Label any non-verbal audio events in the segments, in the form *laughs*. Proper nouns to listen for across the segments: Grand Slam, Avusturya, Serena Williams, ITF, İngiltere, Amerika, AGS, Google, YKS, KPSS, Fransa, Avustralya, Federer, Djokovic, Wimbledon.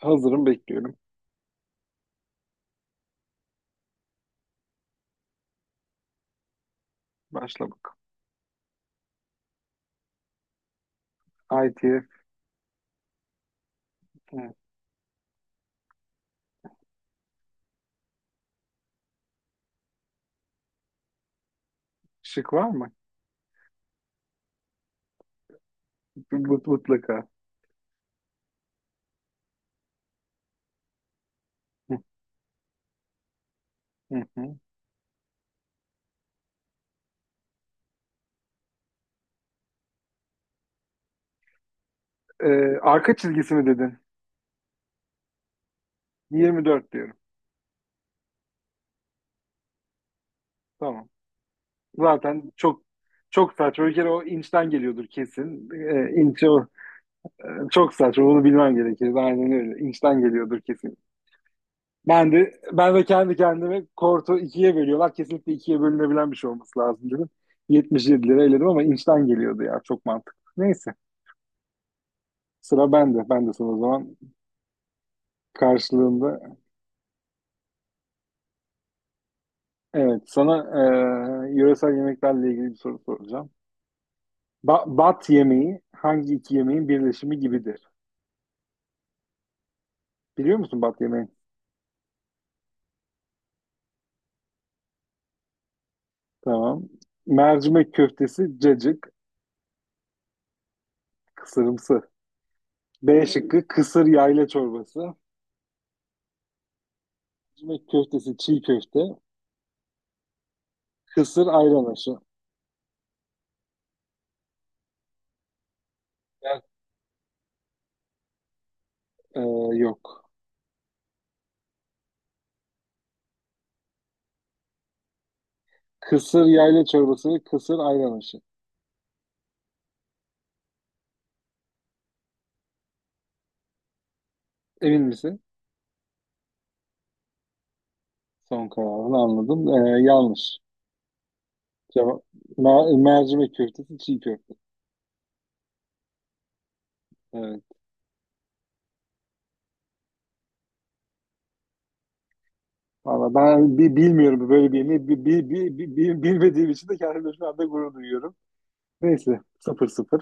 Hazırım bekliyorum. Başla bak. ITF. Hı. Şık var mı? Mutlaka. Hı, hı, hı. Arka çizgisi mi dedin? 24 diyorum. Tamam. Zaten çok saçma. Bir kere o inçten geliyordur kesin. İnç o. Çok saçma. Bunu bilmem gerekir. Aynen öyle. İnçten geliyordur kesin. Ben de kendi kendime kortu ikiye bölüyorlar. Kesinlikle ikiye bölünebilen bir şey olması lazım dedim. 77 lira eledim ama inçten geliyordu ya. Çok mantıklı. Neyse. Sıra bende. Ben de sana o zaman karşılığında. Evet, sana yöresel yemeklerle ilgili bir soru soracağım. Bat yemeği hangi iki yemeğin birleşimi gibidir? Biliyor musun bat yemeği? Tamam. Mercimek köftesi, cacık, kısırımsı. B şıkkı kısır yayla çorbası. Mercimek köftesi, çiğ köfte. Kısır ayran aşı. Ger- E, Yok. Kısır yayla çorbası ve kısır ayran aşı. Emin misin? Son kararını anladım. Yanlış. Cevap. Mercimek köftesi, çiğ köfte. Evet. Valla ben bilmiyorum böyle bir yemeği. Bilmediğim için de kendimle şu anda gurur duyuyorum. Neyse. Sıfır sıfır.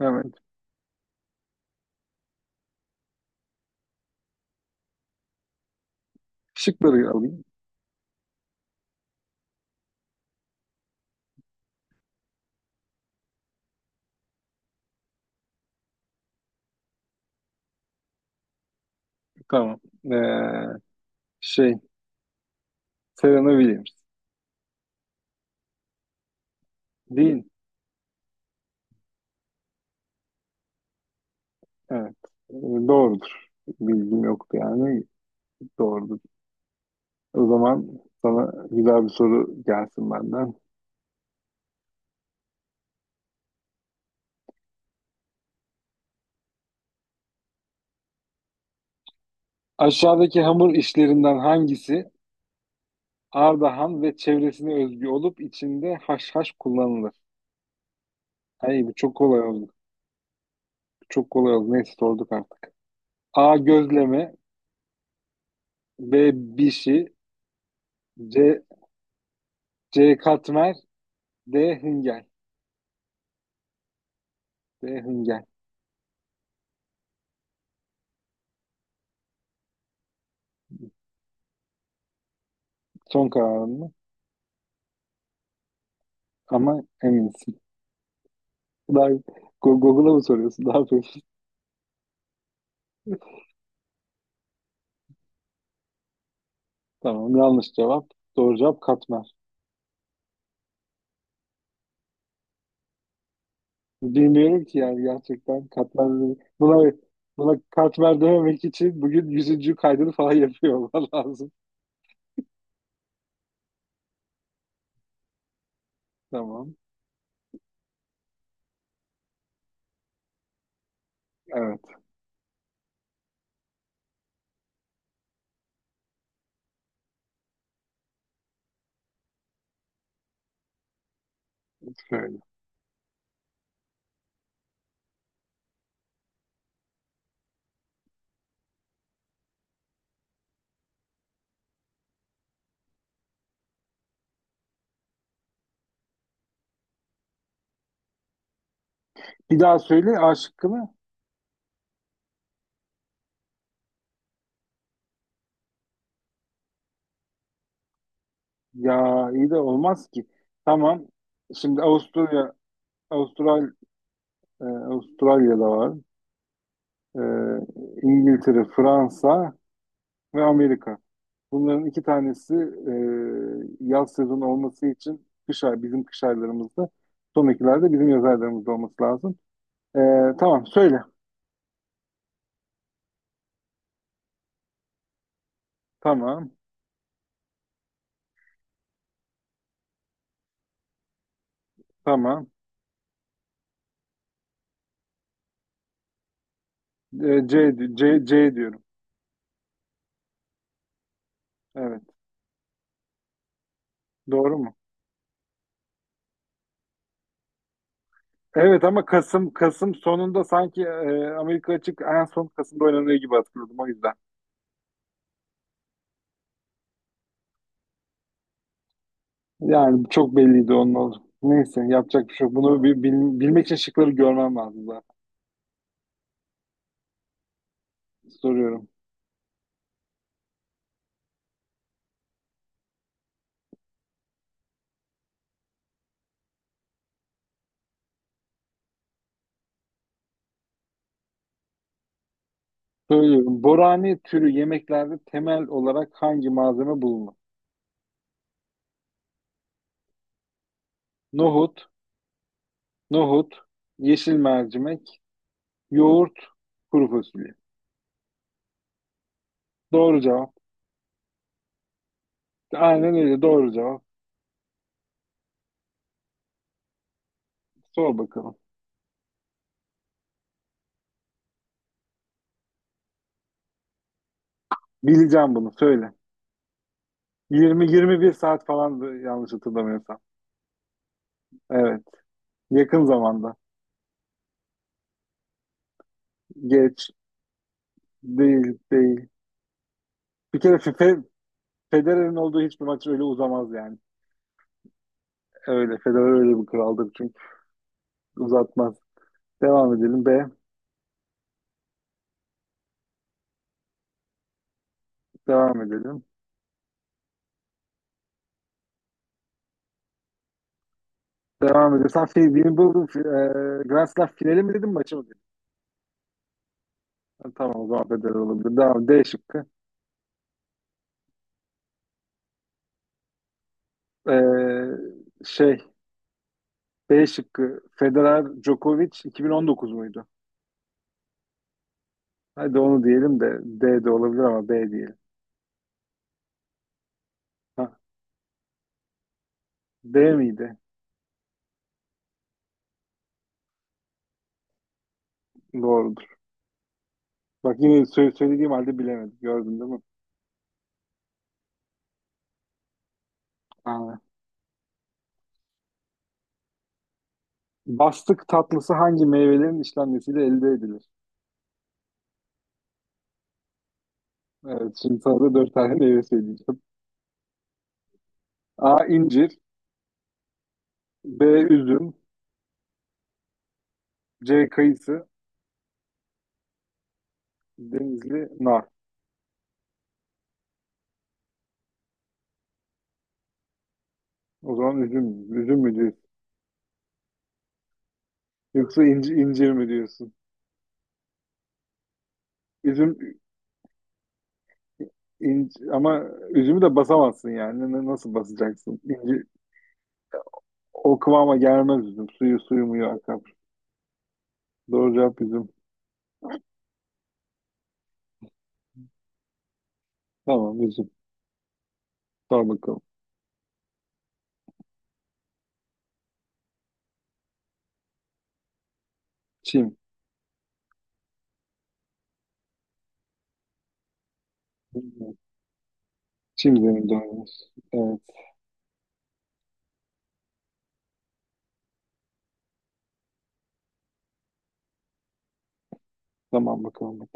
Evet. Şıkları alayım. Tamam. Ee, şey. Serena Williams. Değil. Evet. Ee, Doğrudur. Bilgim yoktu yani. Doğrudur. O zaman sana güzel bir soru gelsin benden. Aşağıdaki hamur işlerinden hangisi Ardahan ve çevresine özgü olup içinde haşhaş kullanılır? Ay bu çok kolay oldu. Çok kolay oldu. Neyse sorduk artık. A. Gözleme. B. Bişi. C. C. Katmer. D. Hıngel. D. Hıngel. Son kararın mı? Ama eminsin. Daha Google'a mı soruyorsun? *laughs* Ne yapıyorsun? Tamam yanlış cevap. Doğru cevap katmer. Bilmiyorum ki yani gerçekten katmer. Buna katmer dememek için bugün yüzüncü kaydını falan *laughs* yapıyor olman lazım. Tamam. Evet. Şöyle. Bir daha söyle A şıkkını. Ya iyi de olmaz ki. Tamam. Şimdi Avustralya, Avustralya'da var. Ee, İngiltere, Fransa ve Amerika. Bunların iki tanesi yaz sezonu olması için bizim kış aylarımızda. Son ikiler de bizim yaz aylarımızda olması lazım. Ee, tamam söyle. Tamam. Tamam. C diyorum. Evet. Doğru mu? Evet ama Kasım sonunda sanki Amerika açık en son Kasım'da oynanıyor gibi hatırladım o yüzden. Yani çok belliydi onun oldu. Neyse yapacak bir şey yok. Bunu bilmek için şıkları görmem lazım zaten. Soruyorum. Söylüyorum. Borani türü yemeklerde temel olarak hangi malzeme bulunur? Nohut, nohut, yeşil mercimek, yoğurt, kuru fasulye. Doğru cevap. Aynen öyle doğru cevap. Sor bakalım. Bileceğim bunu söyle. 20-21 saat falandı yanlış hatırlamıyorsam. Evet. Yakın zamanda. Geç. Değil, değil. Bir kere fe- Federer'in olduğu hiçbir maç öyle uzamaz yani. Öyle. Federer öyle bir kraldır çünkü uzatmaz. Devam edelim be. Devam edelim. Devam edelim. Sen fi- Wimbledon fi- e, Grand Slam finali mi dedin maçı mı dedin? Ha, tamam o zaman Federer olabilir. Devam. D şıkkı. E, şey B şıkkı Federer Djokovic 2019 muydu? Hadi onu diyelim de D de olabilir ama B diyelim. Ha, D miydi? Doğrudur. Bak yine söylediğim halde bilemedim. Gördün değil mi? Aa. Bastık tatlısı hangi meyvelerin işlenmesiyle elde edilir? Evet, şimdi sana da dört tane meyve söyleyeceğim. A. incir, B. Üzüm. C. Kayısı. Denizli nar. O zaman üzüm mü diyorsun? Yoksa incir mi diyorsun? Üzüm, ama üzümü de basamazsın yani. Nasıl basacaksın? İnci, o kıvama gelmez üzüm. Suyu muyu akar. Doğru cevap üzüm. Tamam üzüm. Sor bakalım. Çim. Çim zeminde oynuyoruz. Evet. Tamam bakalım.